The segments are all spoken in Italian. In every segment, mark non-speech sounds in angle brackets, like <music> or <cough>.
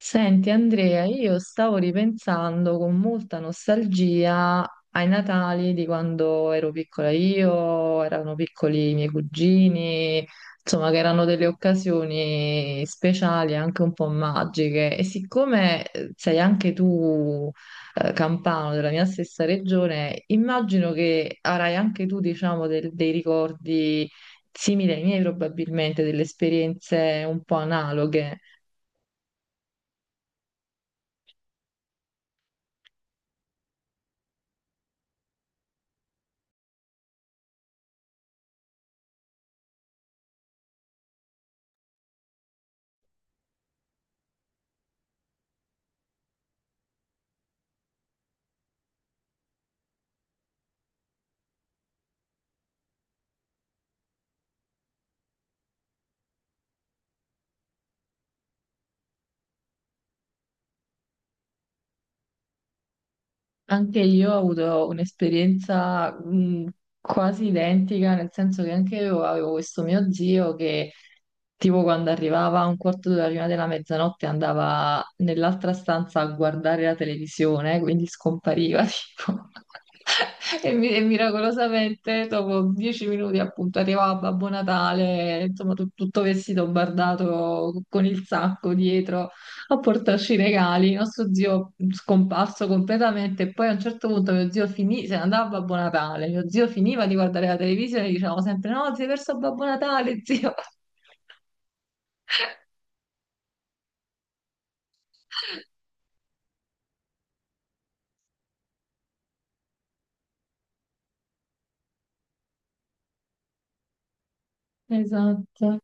Senti Andrea, io stavo ripensando con molta nostalgia ai Natali di quando ero piccola io, erano piccoli i miei cugini, insomma che erano delle occasioni speciali, anche un po' magiche. E siccome sei anche tu campano della mia stessa regione, immagino che avrai anche tu, diciamo, dei ricordi simili ai miei probabilmente, delle esperienze un po' analoghe. Anche io ho avuto un'esperienza quasi identica, nel senso che anche io avevo questo mio zio che tipo quando arrivava a un quarto d'ora prima della mezzanotte andava nell'altra stanza a guardare la televisione, quindi scompariva <laughs> tipo. E, miracolosamente dopo 10 minuti appunto arrivava Babbo Natale, insomma tutto vestito bardato con il sacco dietro a portarci i regali. Il nostro zio scomparso completamente e poi a un certo punto mio zio finì, se ne andava a Babbo Natale. Mio zio finiva di guardare la televisione e dicevamo sempre: no, si è perso Babbo Natale, zio. <laughs> Esatto.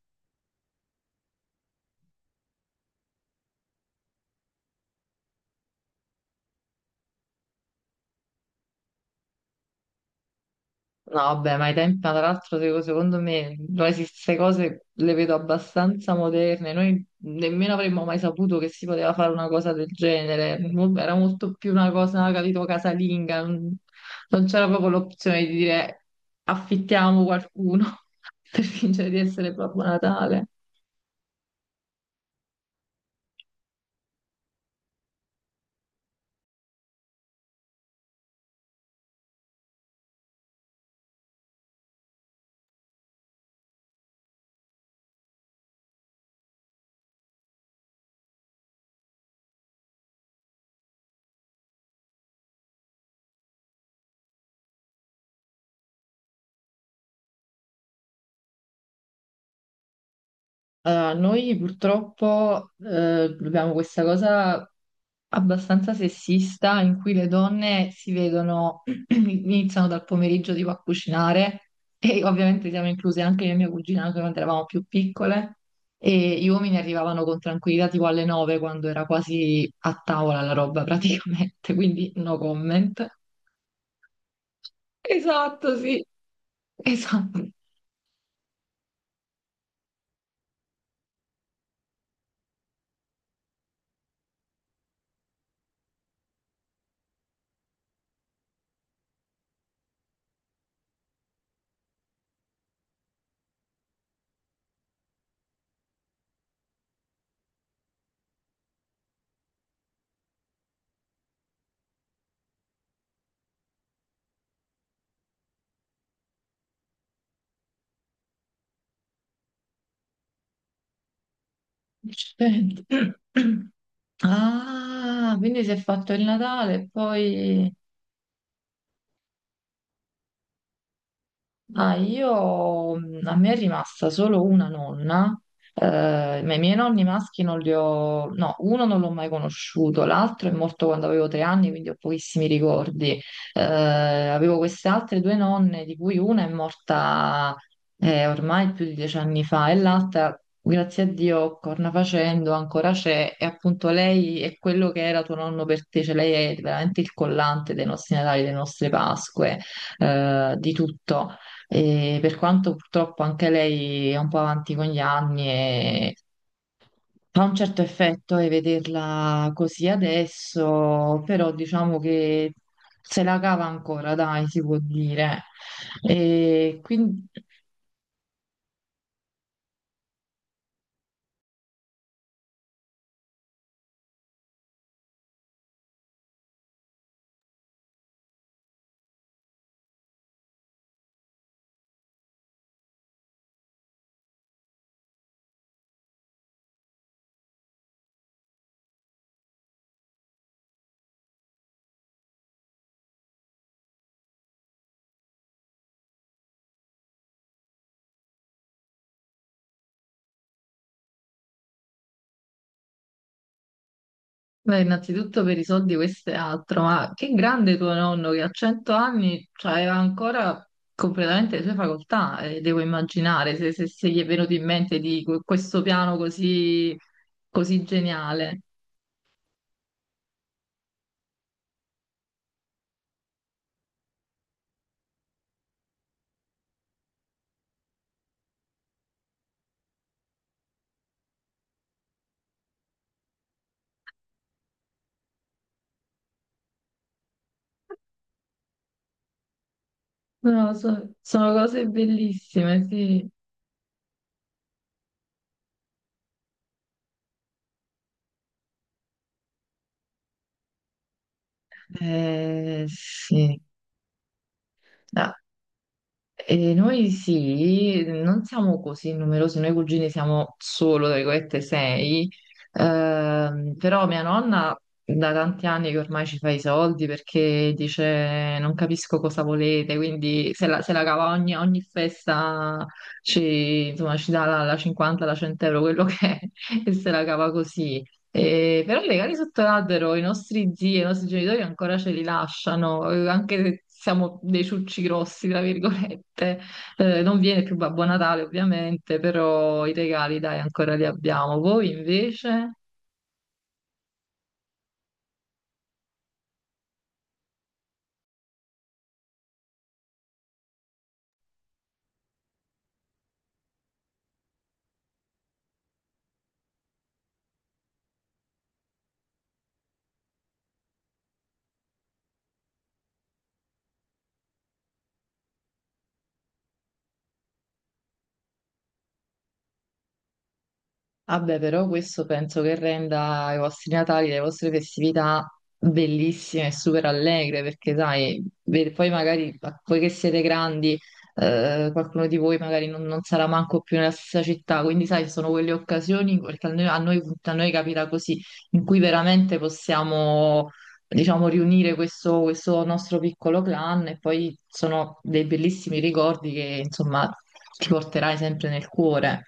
No, vabbè, ma i tempi, ma tra l'altro, secondo me, noi queste cose le vedo abbastanza moderne. Noi nemmeno avremmo mai saputo che si poteva fare una cosa del genere. Era molto più una cosa, capito, casalinga. Non c'era proprio l'opzione di dire affittiamo qualcuno <laughs> per fingere di essere Babbo Natale. Allora, noi purtroppo abbiamo questa cosa abbastanza sessista in cui le donne si vedono, <clears throat> iniziano dal pomeriggio tipo a cucinare e ovviamente siamo incluse anche io e mia cugina anche quando eravamo più piccole e gli uomini arrivavano con tranquillità tipo alle nove quando era quasi a tavola la roba praticamente, <laughs> quindi no comment. Esatto, sì, esatto. <clears throat> Ah, quindi si è fatto il Natale e poi... Ah, io, a me è rimasta solo una nonna, ma i miei nonni maschi non li ho, no, uno non l'ho mai conosciuto, l'altro è morto quando avevo 3 anni, quindi ho pochissimi ricordi. Avevo queste altre due nonne, di cui una è morta ormai più di 10 anni fa e l'altra, grazie a Dio, corna facendo, ancora c'è, e appunto lei è quello che era tuo nonno per te, cioè lei è veramente il collante dei nostri Natali, delle nostre Pasque di tutto. E per quanto purtroppo anche lei è un po' avanti con gli anni e fa un certo effetto e vederla così adesso, però diciamo che se la cava ancora, dai, si può dire. E quindi, beh, innanzitutto per i soldi questo è altro, ma che grande tuo nonno che a 100 anni cioè, aveva ancora completamente le sue facoltà, devo immaginare, se gli è venuto in mente di questo piano così così geniale. Non lo so, sono cose bellissime, sì. Sì. Ah, e noi sì, non siamo così numerosi, noi cugini siamo solo, tra virgolette, sei, però mia nonna da tanti anni che ormai ci fa i soldi perché dice non capisco cosa volete, quindi se la, se la cava ogni, ogni festa ci, insomma, ci dà la 50, la 100 euro, quello che è, <laughs> e se la cava così. E però legati sotto l'albero i nostri zii e i nostri genitori ancora ce li lasciano, anche se siamo dei ciucci grossi, tra virgolette. Non viene più Babbo Natale, ovviamente, però i regali, dai, ancora li abbiamo. Voi invece? Vabbè, però questo penso che renda i vostri Natali, le vostre festività bellissime e super allegre, perché sai, poi magari, poi che siete grandi, qualcuno di voi magari non, non sarà manco più nella stessa città, quindi sai, sono quelle occasioni, perché a noi, a noi capita così, in cui veramente possiamo, diciamo, riunire questo, questo nostro piccolo clan e poi sono dei bellissimi ricordi che, insomma, ti porterai sempre nel cuore.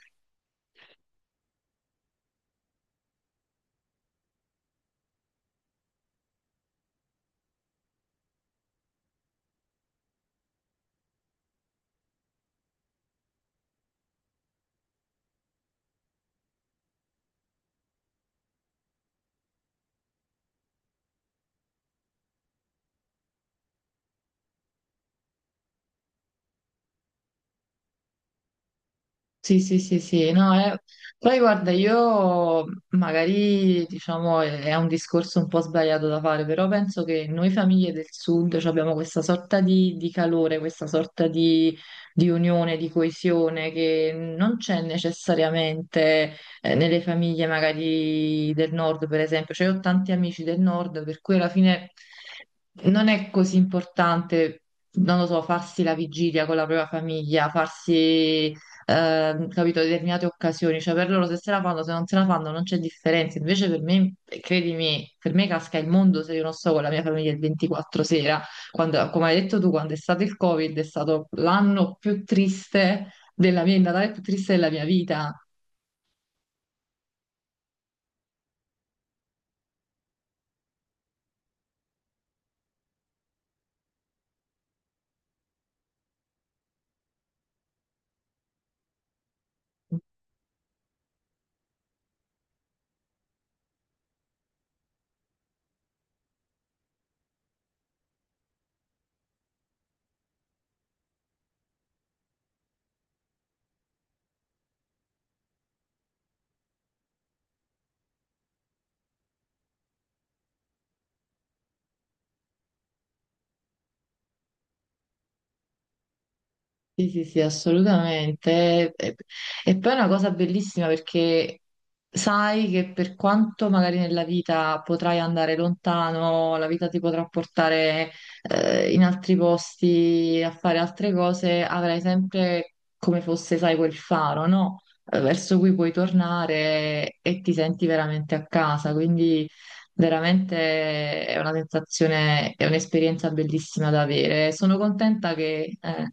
Sì, sì, sì, sì, no, poi guarda, io magari diciamo è un discorso un po' sbagliato da fare, però penso che noi famiglie del sud cioè, abbiamo questa sorta di calore, questa sorta di unione, di coesione che non c'è necessariamente nelle famiglie magari del nord, per esempio. Cioè, io ho tanti amici del nord, per cui alla fine non è così importante non lo so, farsi la vigilia con la propria famiglia, farsi capito, determinate occasioni, cioè per loro se se la fanno, se non se la fanno non c'è differenza, invece per me, credimi, per me casca il mondo se io non sto con la mia famiglia il 24 sera, quando, come hai detto tu, quando è stato il Covid è stato l'anno più triste della mia, il Natale più triste della mia vita. Sì, sì, sì, assolutamente. E poi è una cosa bellissima perché sai che per quanto magari nella vita potrai andare lontano, la vita ti potrà portare in altri posti a fare altre cose, avrai sempre come fosse, sai, quel faro, no? Verso cui puoi tornare e ti senti veramente a casa. Quindi veramente è una sensazione, è un'esperienza bellissima da avere. Sono contenta che...